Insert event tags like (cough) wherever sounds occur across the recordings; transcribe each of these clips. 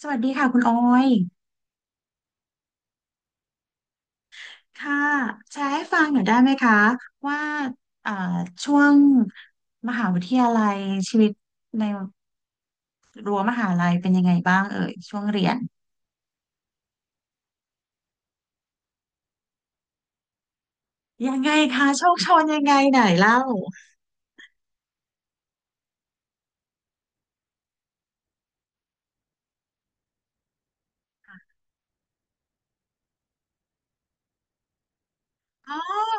สวัสดีค่ะคุณออยค่ะแชร์ให้ฟังหน่อยได้ไหมคะว่าเอ่อช่วงมหาวิทยาลัยชีวิตในรั้วมหาลัยเป็นยังไงบ้างเอ่ยช่วงเรียนยังไงคะโชคชนยังไงไหนเล่าอ๋อ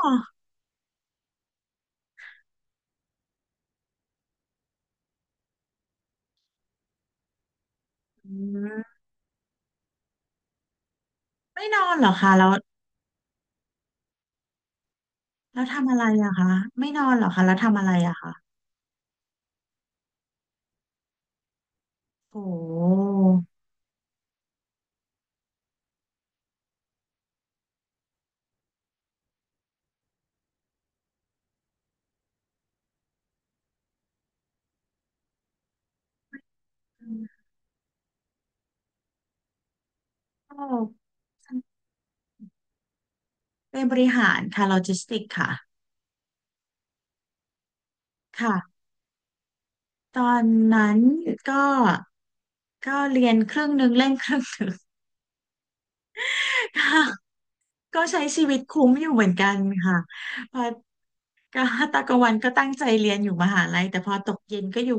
อืมไม่นอนเหรอคะแล้วแล้วทำอะไรอะคะไม่นอนเหรอคะแล้วทำอะไรอะคะโอ้โหโอ้เป็นบริหารค่ะโลจิสติกค่ะค่ะ ตอนนั้นก็ก็เรียนครึ่งหนึ่งเล่นครึ่งหนึ่ง (laughs) ค่ะก็ใช้ชีวิตคุ้มอยู่เหมือนกันค่ะเพอก็ตอกลางวันก็ตั้งใจเรียนอยู่มหาลัยแต่พอตกเย็นก็อยู่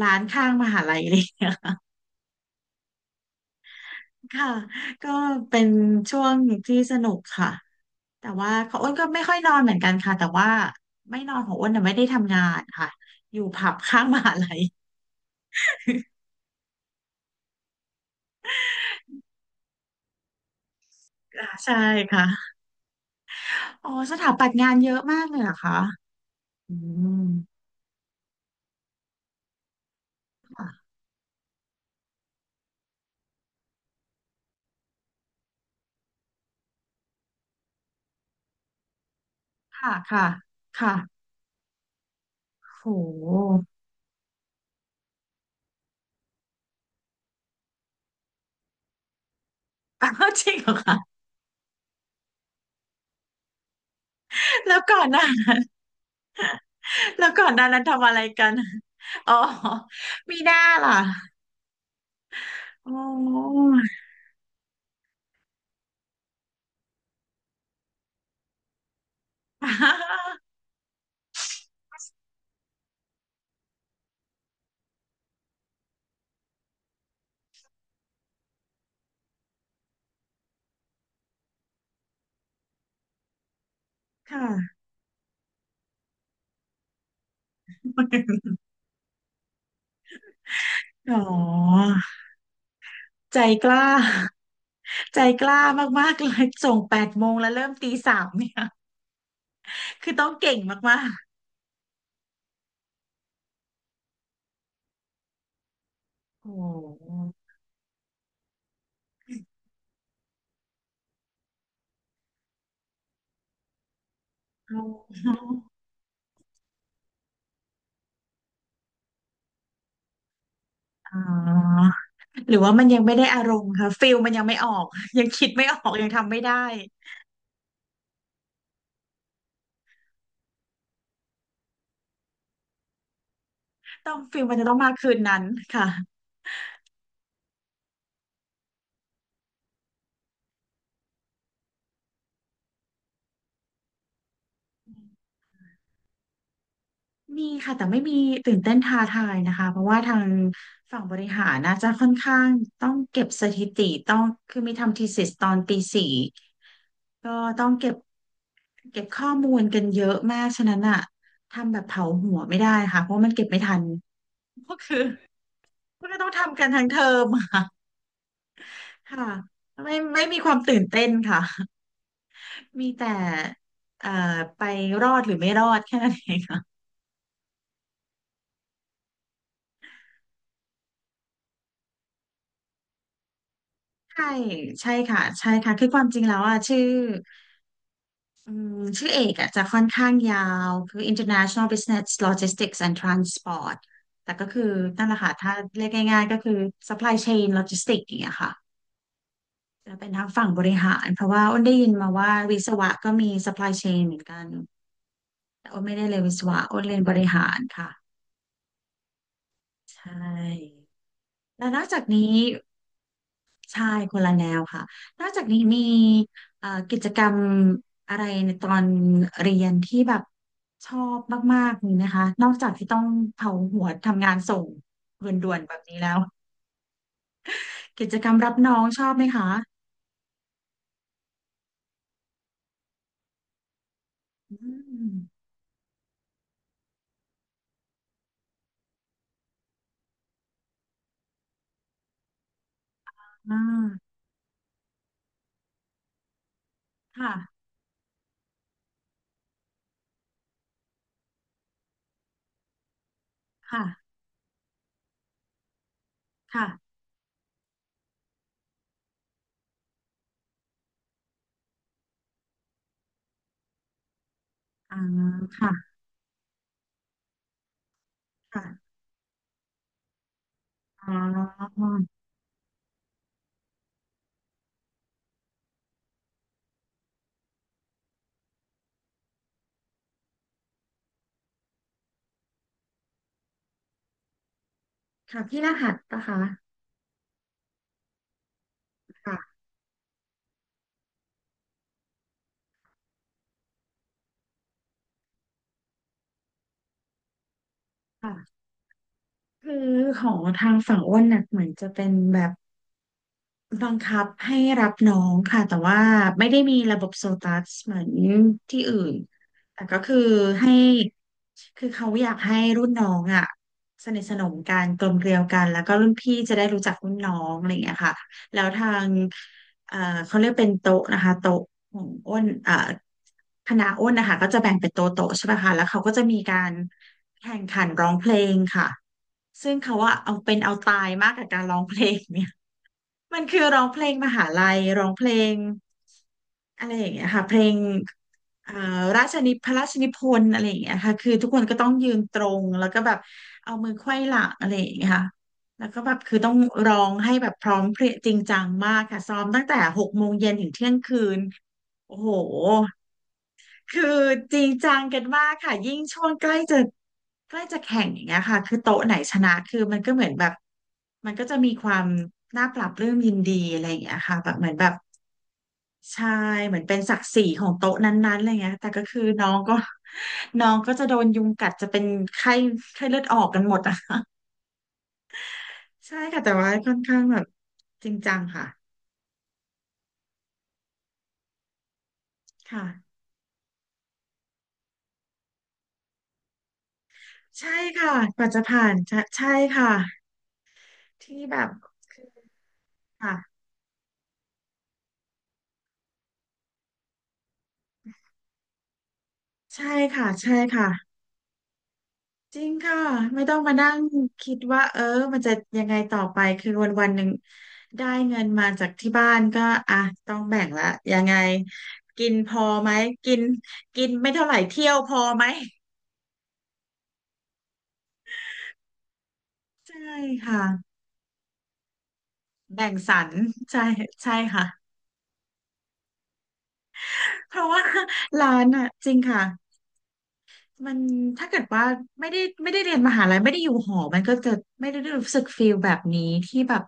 ร้านข้างมหาลัย (laughs) เลย (laughs) ค่ะก็เป็นช่วงที่สนุกค่ะแต่ว่าของอ้นก็ไม่ค่อยนอนเหมือนกันค่ะแต่ว่าไม่นอนของอ้นน่ะไม่ได้ทำงานค่ะอยู่ผับข้างมหาลัย (laughs) อ่าใช่ค่ะอ๋อสถาปัตย์งานเยอะมากเลยเหรอคะอืม ค่ะค่ะค่ะโหอ้าวจริงเห (laughs) รอคะแล้วก่อนหน้าแล้วก่อนหน้านั้นทำอะไรกันอ๋อมีหน้าล่ะอ๋อค่ะอ๋อใจกล้าใจกล้ามากๆเลยส่งแปดโมงแล้วเริ่มตีสามเนี่ยคือต้องเก่งมากๆโอ้โหอ๋อหรือว่ามันยังไม่ได้อารมณ์ค่ะฟิลมันยังไม่ออกยังคิดไม่ออกยังทำไม่ได้ ต้องฟิลมันจะต้องมาคืนนั้นค่ะมีค่ะแต่ไม่มีตื่นเต้นท้าทายนะคะเพราะว่าทางฝั่งบริหารน่าจะค่อนข้างต้องเก็บสถิติต้องคือมีทำ thesis ตอนปีสี่ก็ต้องเก็บเก็บข้อมูลกันเยอะมากฉะนั้นอะทำแบบเผาหัวไม่ได้ค่ะเพราะมันเก็บไม่ทันก็คือมันก็ต้องทำกันทั้งเทอมค่ะค่ะไม่มีความตื่นเต้นค่ะมีแต่เอ่อไปรอดหรือไม่รอดแค่นั้นเอง ใช่ใช่ค่ะใช่ค่ะคือความจริงแล้วอ่ะอืมชื่อเอกอ่ะจะค่อนข้างยาวคือ International Business Logistics and Transport แต่ก็คือนั่นแหละค่ะถ้าเรียกง่ายๆก็คือ Supply Chain Logistics อย่างเงี้ยค่ะจะเป็นทางฝั่งบริหารเพราะว่าอ้นได้ยินมาว่าวิศวะก็มี Supply Chain เหมือนกันแต่อ้นไม่ได้เรียนวิศวะอ้นเรียนบริหารค่ะใช่แล้วนอกจากนี้ ใช่คนละแนวค่ะ นอกจากนี้มีกิจกรรมอะไรในตอนเรียนที่แบบชอบมากๆมีไหะคะนอกจากที่ต้องเผาหัวทำงานส่งด่วนๆแบบนี้แล้วกิจกรรมรับน้องชอบไหมคะอืมอ่าค่ะค่ะค่ะอ่าค่ะค่ะอ๋อค่ะพี่รหัสปะคะค่ะค่ะคือของทางฝั่งอ้นน่ะเหมือนจะเป็นแบบ บังคับให้รับน้องค่ะแต่ว่าไม่ได้มีระบบโซตัสเหมือนที่อื่นแต่ก็คือให้คือเขาอยากให้รุ่นน้องอ่ะสนิทสนมกันกลมเกลียวกันแล้วก็รุ่นพี่จะได้รู้จักรุ่นน้องอะไรอย่างเงี้ยค่ะแล้วทางเอ่อเขาเรียกเป็นโต๊ะนะคะโต๊ะของอ้นคณะอ้นนะคะก็จะแบ่งเป็นโต๊ะโต๊ะใช่ไหมคะแล้วเขาก็จะมีการแข่งขันร้องเพลงค่ะซึ่งเขาว่าเอาเป็นเอาตายมากกับการร้องเพลงเนี่ย มันคือร้องเพลงมหาลัยร้องเพลงอะไรอย่างเงี้ยค่ะเพลงเอ่อราชนิพระราชนิพนธ์อะไรอย่างเงี้ยค่ะคือทุกคนก็ต้องยืนตรงแล้วก็แบบเอามือไขว้หลังอะไรอย่างเงี้ยค่ะแล้วก็แบบคือต้องร้องให้แบบพร้อมเพรียงจริงจังมากค่ะซ้อมตั้งแต่หกโมงเย็นถึงเที่ยงคืนโอ้โห คือจริงจังกันมากค่ะยิ่งช่วงใกล้จะแข่งอย่างเงี้ยค่ะคือโต๊ะไหนชนะคือมันก็เหมือนแบบมันก็จะมีความน่าปรับปลื้มยินดีอะไรอย่างเงี้ยค่ะแบบเหมือนแบบใช่เหมือนเป็นศักดิ์ศรีของโต๊ะนั้นๆอะไรเงี้ยแต่ก็คือน้องก็ (laughs) น้องก็จะโดนยุงกัดจะเป็นไข้ไข้เลือดออกกันหมดอะ่ะ (laughs) ใช่ค่ะแต่ว่าค่อนข้างแบบจริงจังค่ะค่ะใช่ค่ะกว่าจะผ่านใช่ใช่ค่ะที่แบบคอค่ะใช่ค่ะใช่ค่ะ จริงค่ะไม่ต้องมานั่งคิดว่าเออมันจะยังไงต่อไปคือวันวันหนึ่งได้เงินมาจากที่บ้านก็อ่ะต้องแบ่งละยังไงกินพอไหมกินกินไม่เท่าไหร่เที่ยวพอไหมใช่ค่ะแบ่งสรรใช่ใช่ค่ะเพราะว่า (laughs) ร้านอ่ะจริงค่ะ มันถ้าเกิดว่าไม่ได้เรียนมหาลัยไม่ได้อยู่หอมันก็จะไม่ได้รู้สึกฟีลแบบนี้ที่แบบ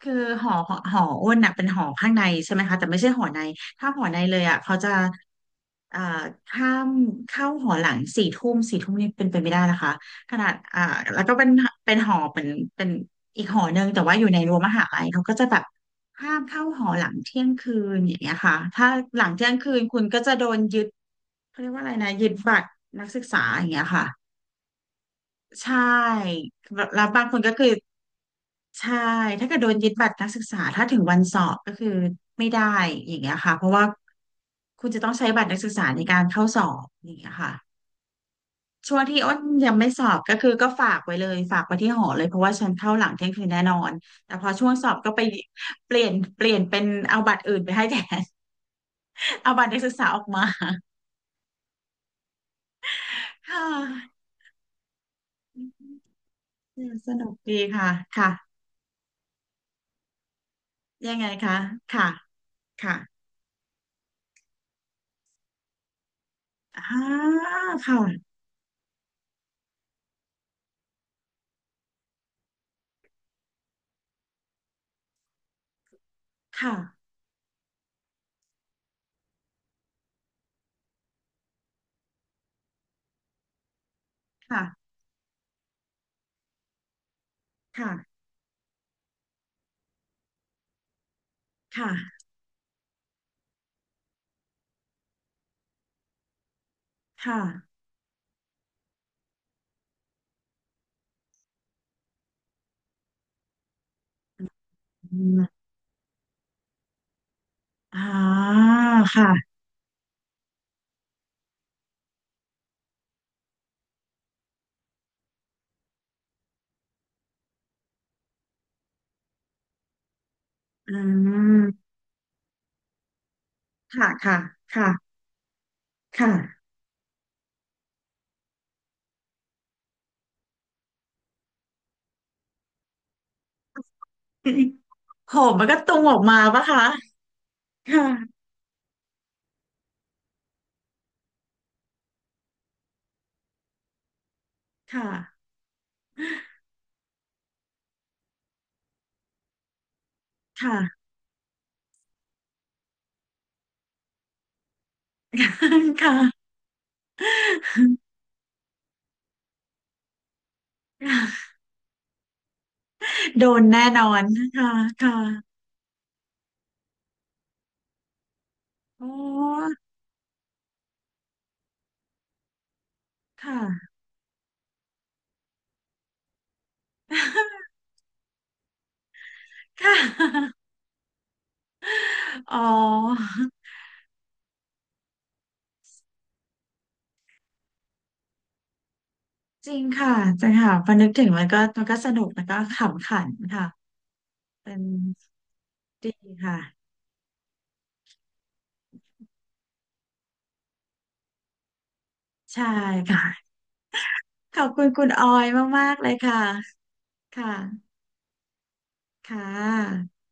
คือหออ้นน่ะเป็นหอข้างในใช่ไหมคะแต่ไม่ใช่หอในถ้าหอในเลยอ่ะเขาจะอ่าข้ามเข้าหอหลังสี่ทุ่มสี่ทุ่มนี่เป็นไปไม่ได้นะคะขนาดอ่าแล้วก็เป็นหอเป็นเป็นอีกหอหนึ่งแต่ว่าอยู่ในรั้วมหาลัยเขาก็จะแบบ ห้ามเข้าหอหลังเที่ยงคืนอย่างเงี้ยค่ะถ้าหลังเที่ยงคืนคุณก็จะโดนยึดเขาเรียกว่าอะไรนะยึดบัตรนักศึกษาอย่างเงี้ยค่ะใช่แล้วบางคนก็คือใช่ถ้าเกิดโดนยึดบัตรนักศึกษาถ้าถึงวันสอบก็คือไม่ได้อย่างเงี้ยค่ะเพราะว่าคุณจะต้องใช้บัตรนักศึกษาในการเข้าสอบอย่างเงี้ยค่ะช่วงที่อ้นยังไม่สอบก็คือก็ฝากไว้เลยฝากไว้ที่หอเลยเพราะว่าฉันเข้าหลังเที่ยงคืนแน่นอนแต่พอช่วงสอบก็ไปเปลี่ยนเป็นเอาบัตรอื่นไปให้แทน เอาบัตรนักศึกษาออกมา (laughs) ค่ะอืมสนุกดีค่ะค่ะยังไงคะค่ะค่ะอ่าค่ะค่ะค่ะค่ะค่ะค่ะอืมอ่าค่ะอืมค่ะค่ะค่ะค่ะโหมันก็ตุงออกมาปะคะค่ะค่ะค่ะค่ะโดนแน่นอนค่ะค่ะโอ้ค่ะค่ะ อ๋อจริงค่ะจริงค่ะพอนึกถึงมันก็มันก็สนุกแล้วก็ขำขันค่ะเป็นดีค่ะใช่ค่ะขอบคุณคุณออยมากๆเลยค่ะค่ะค่ะ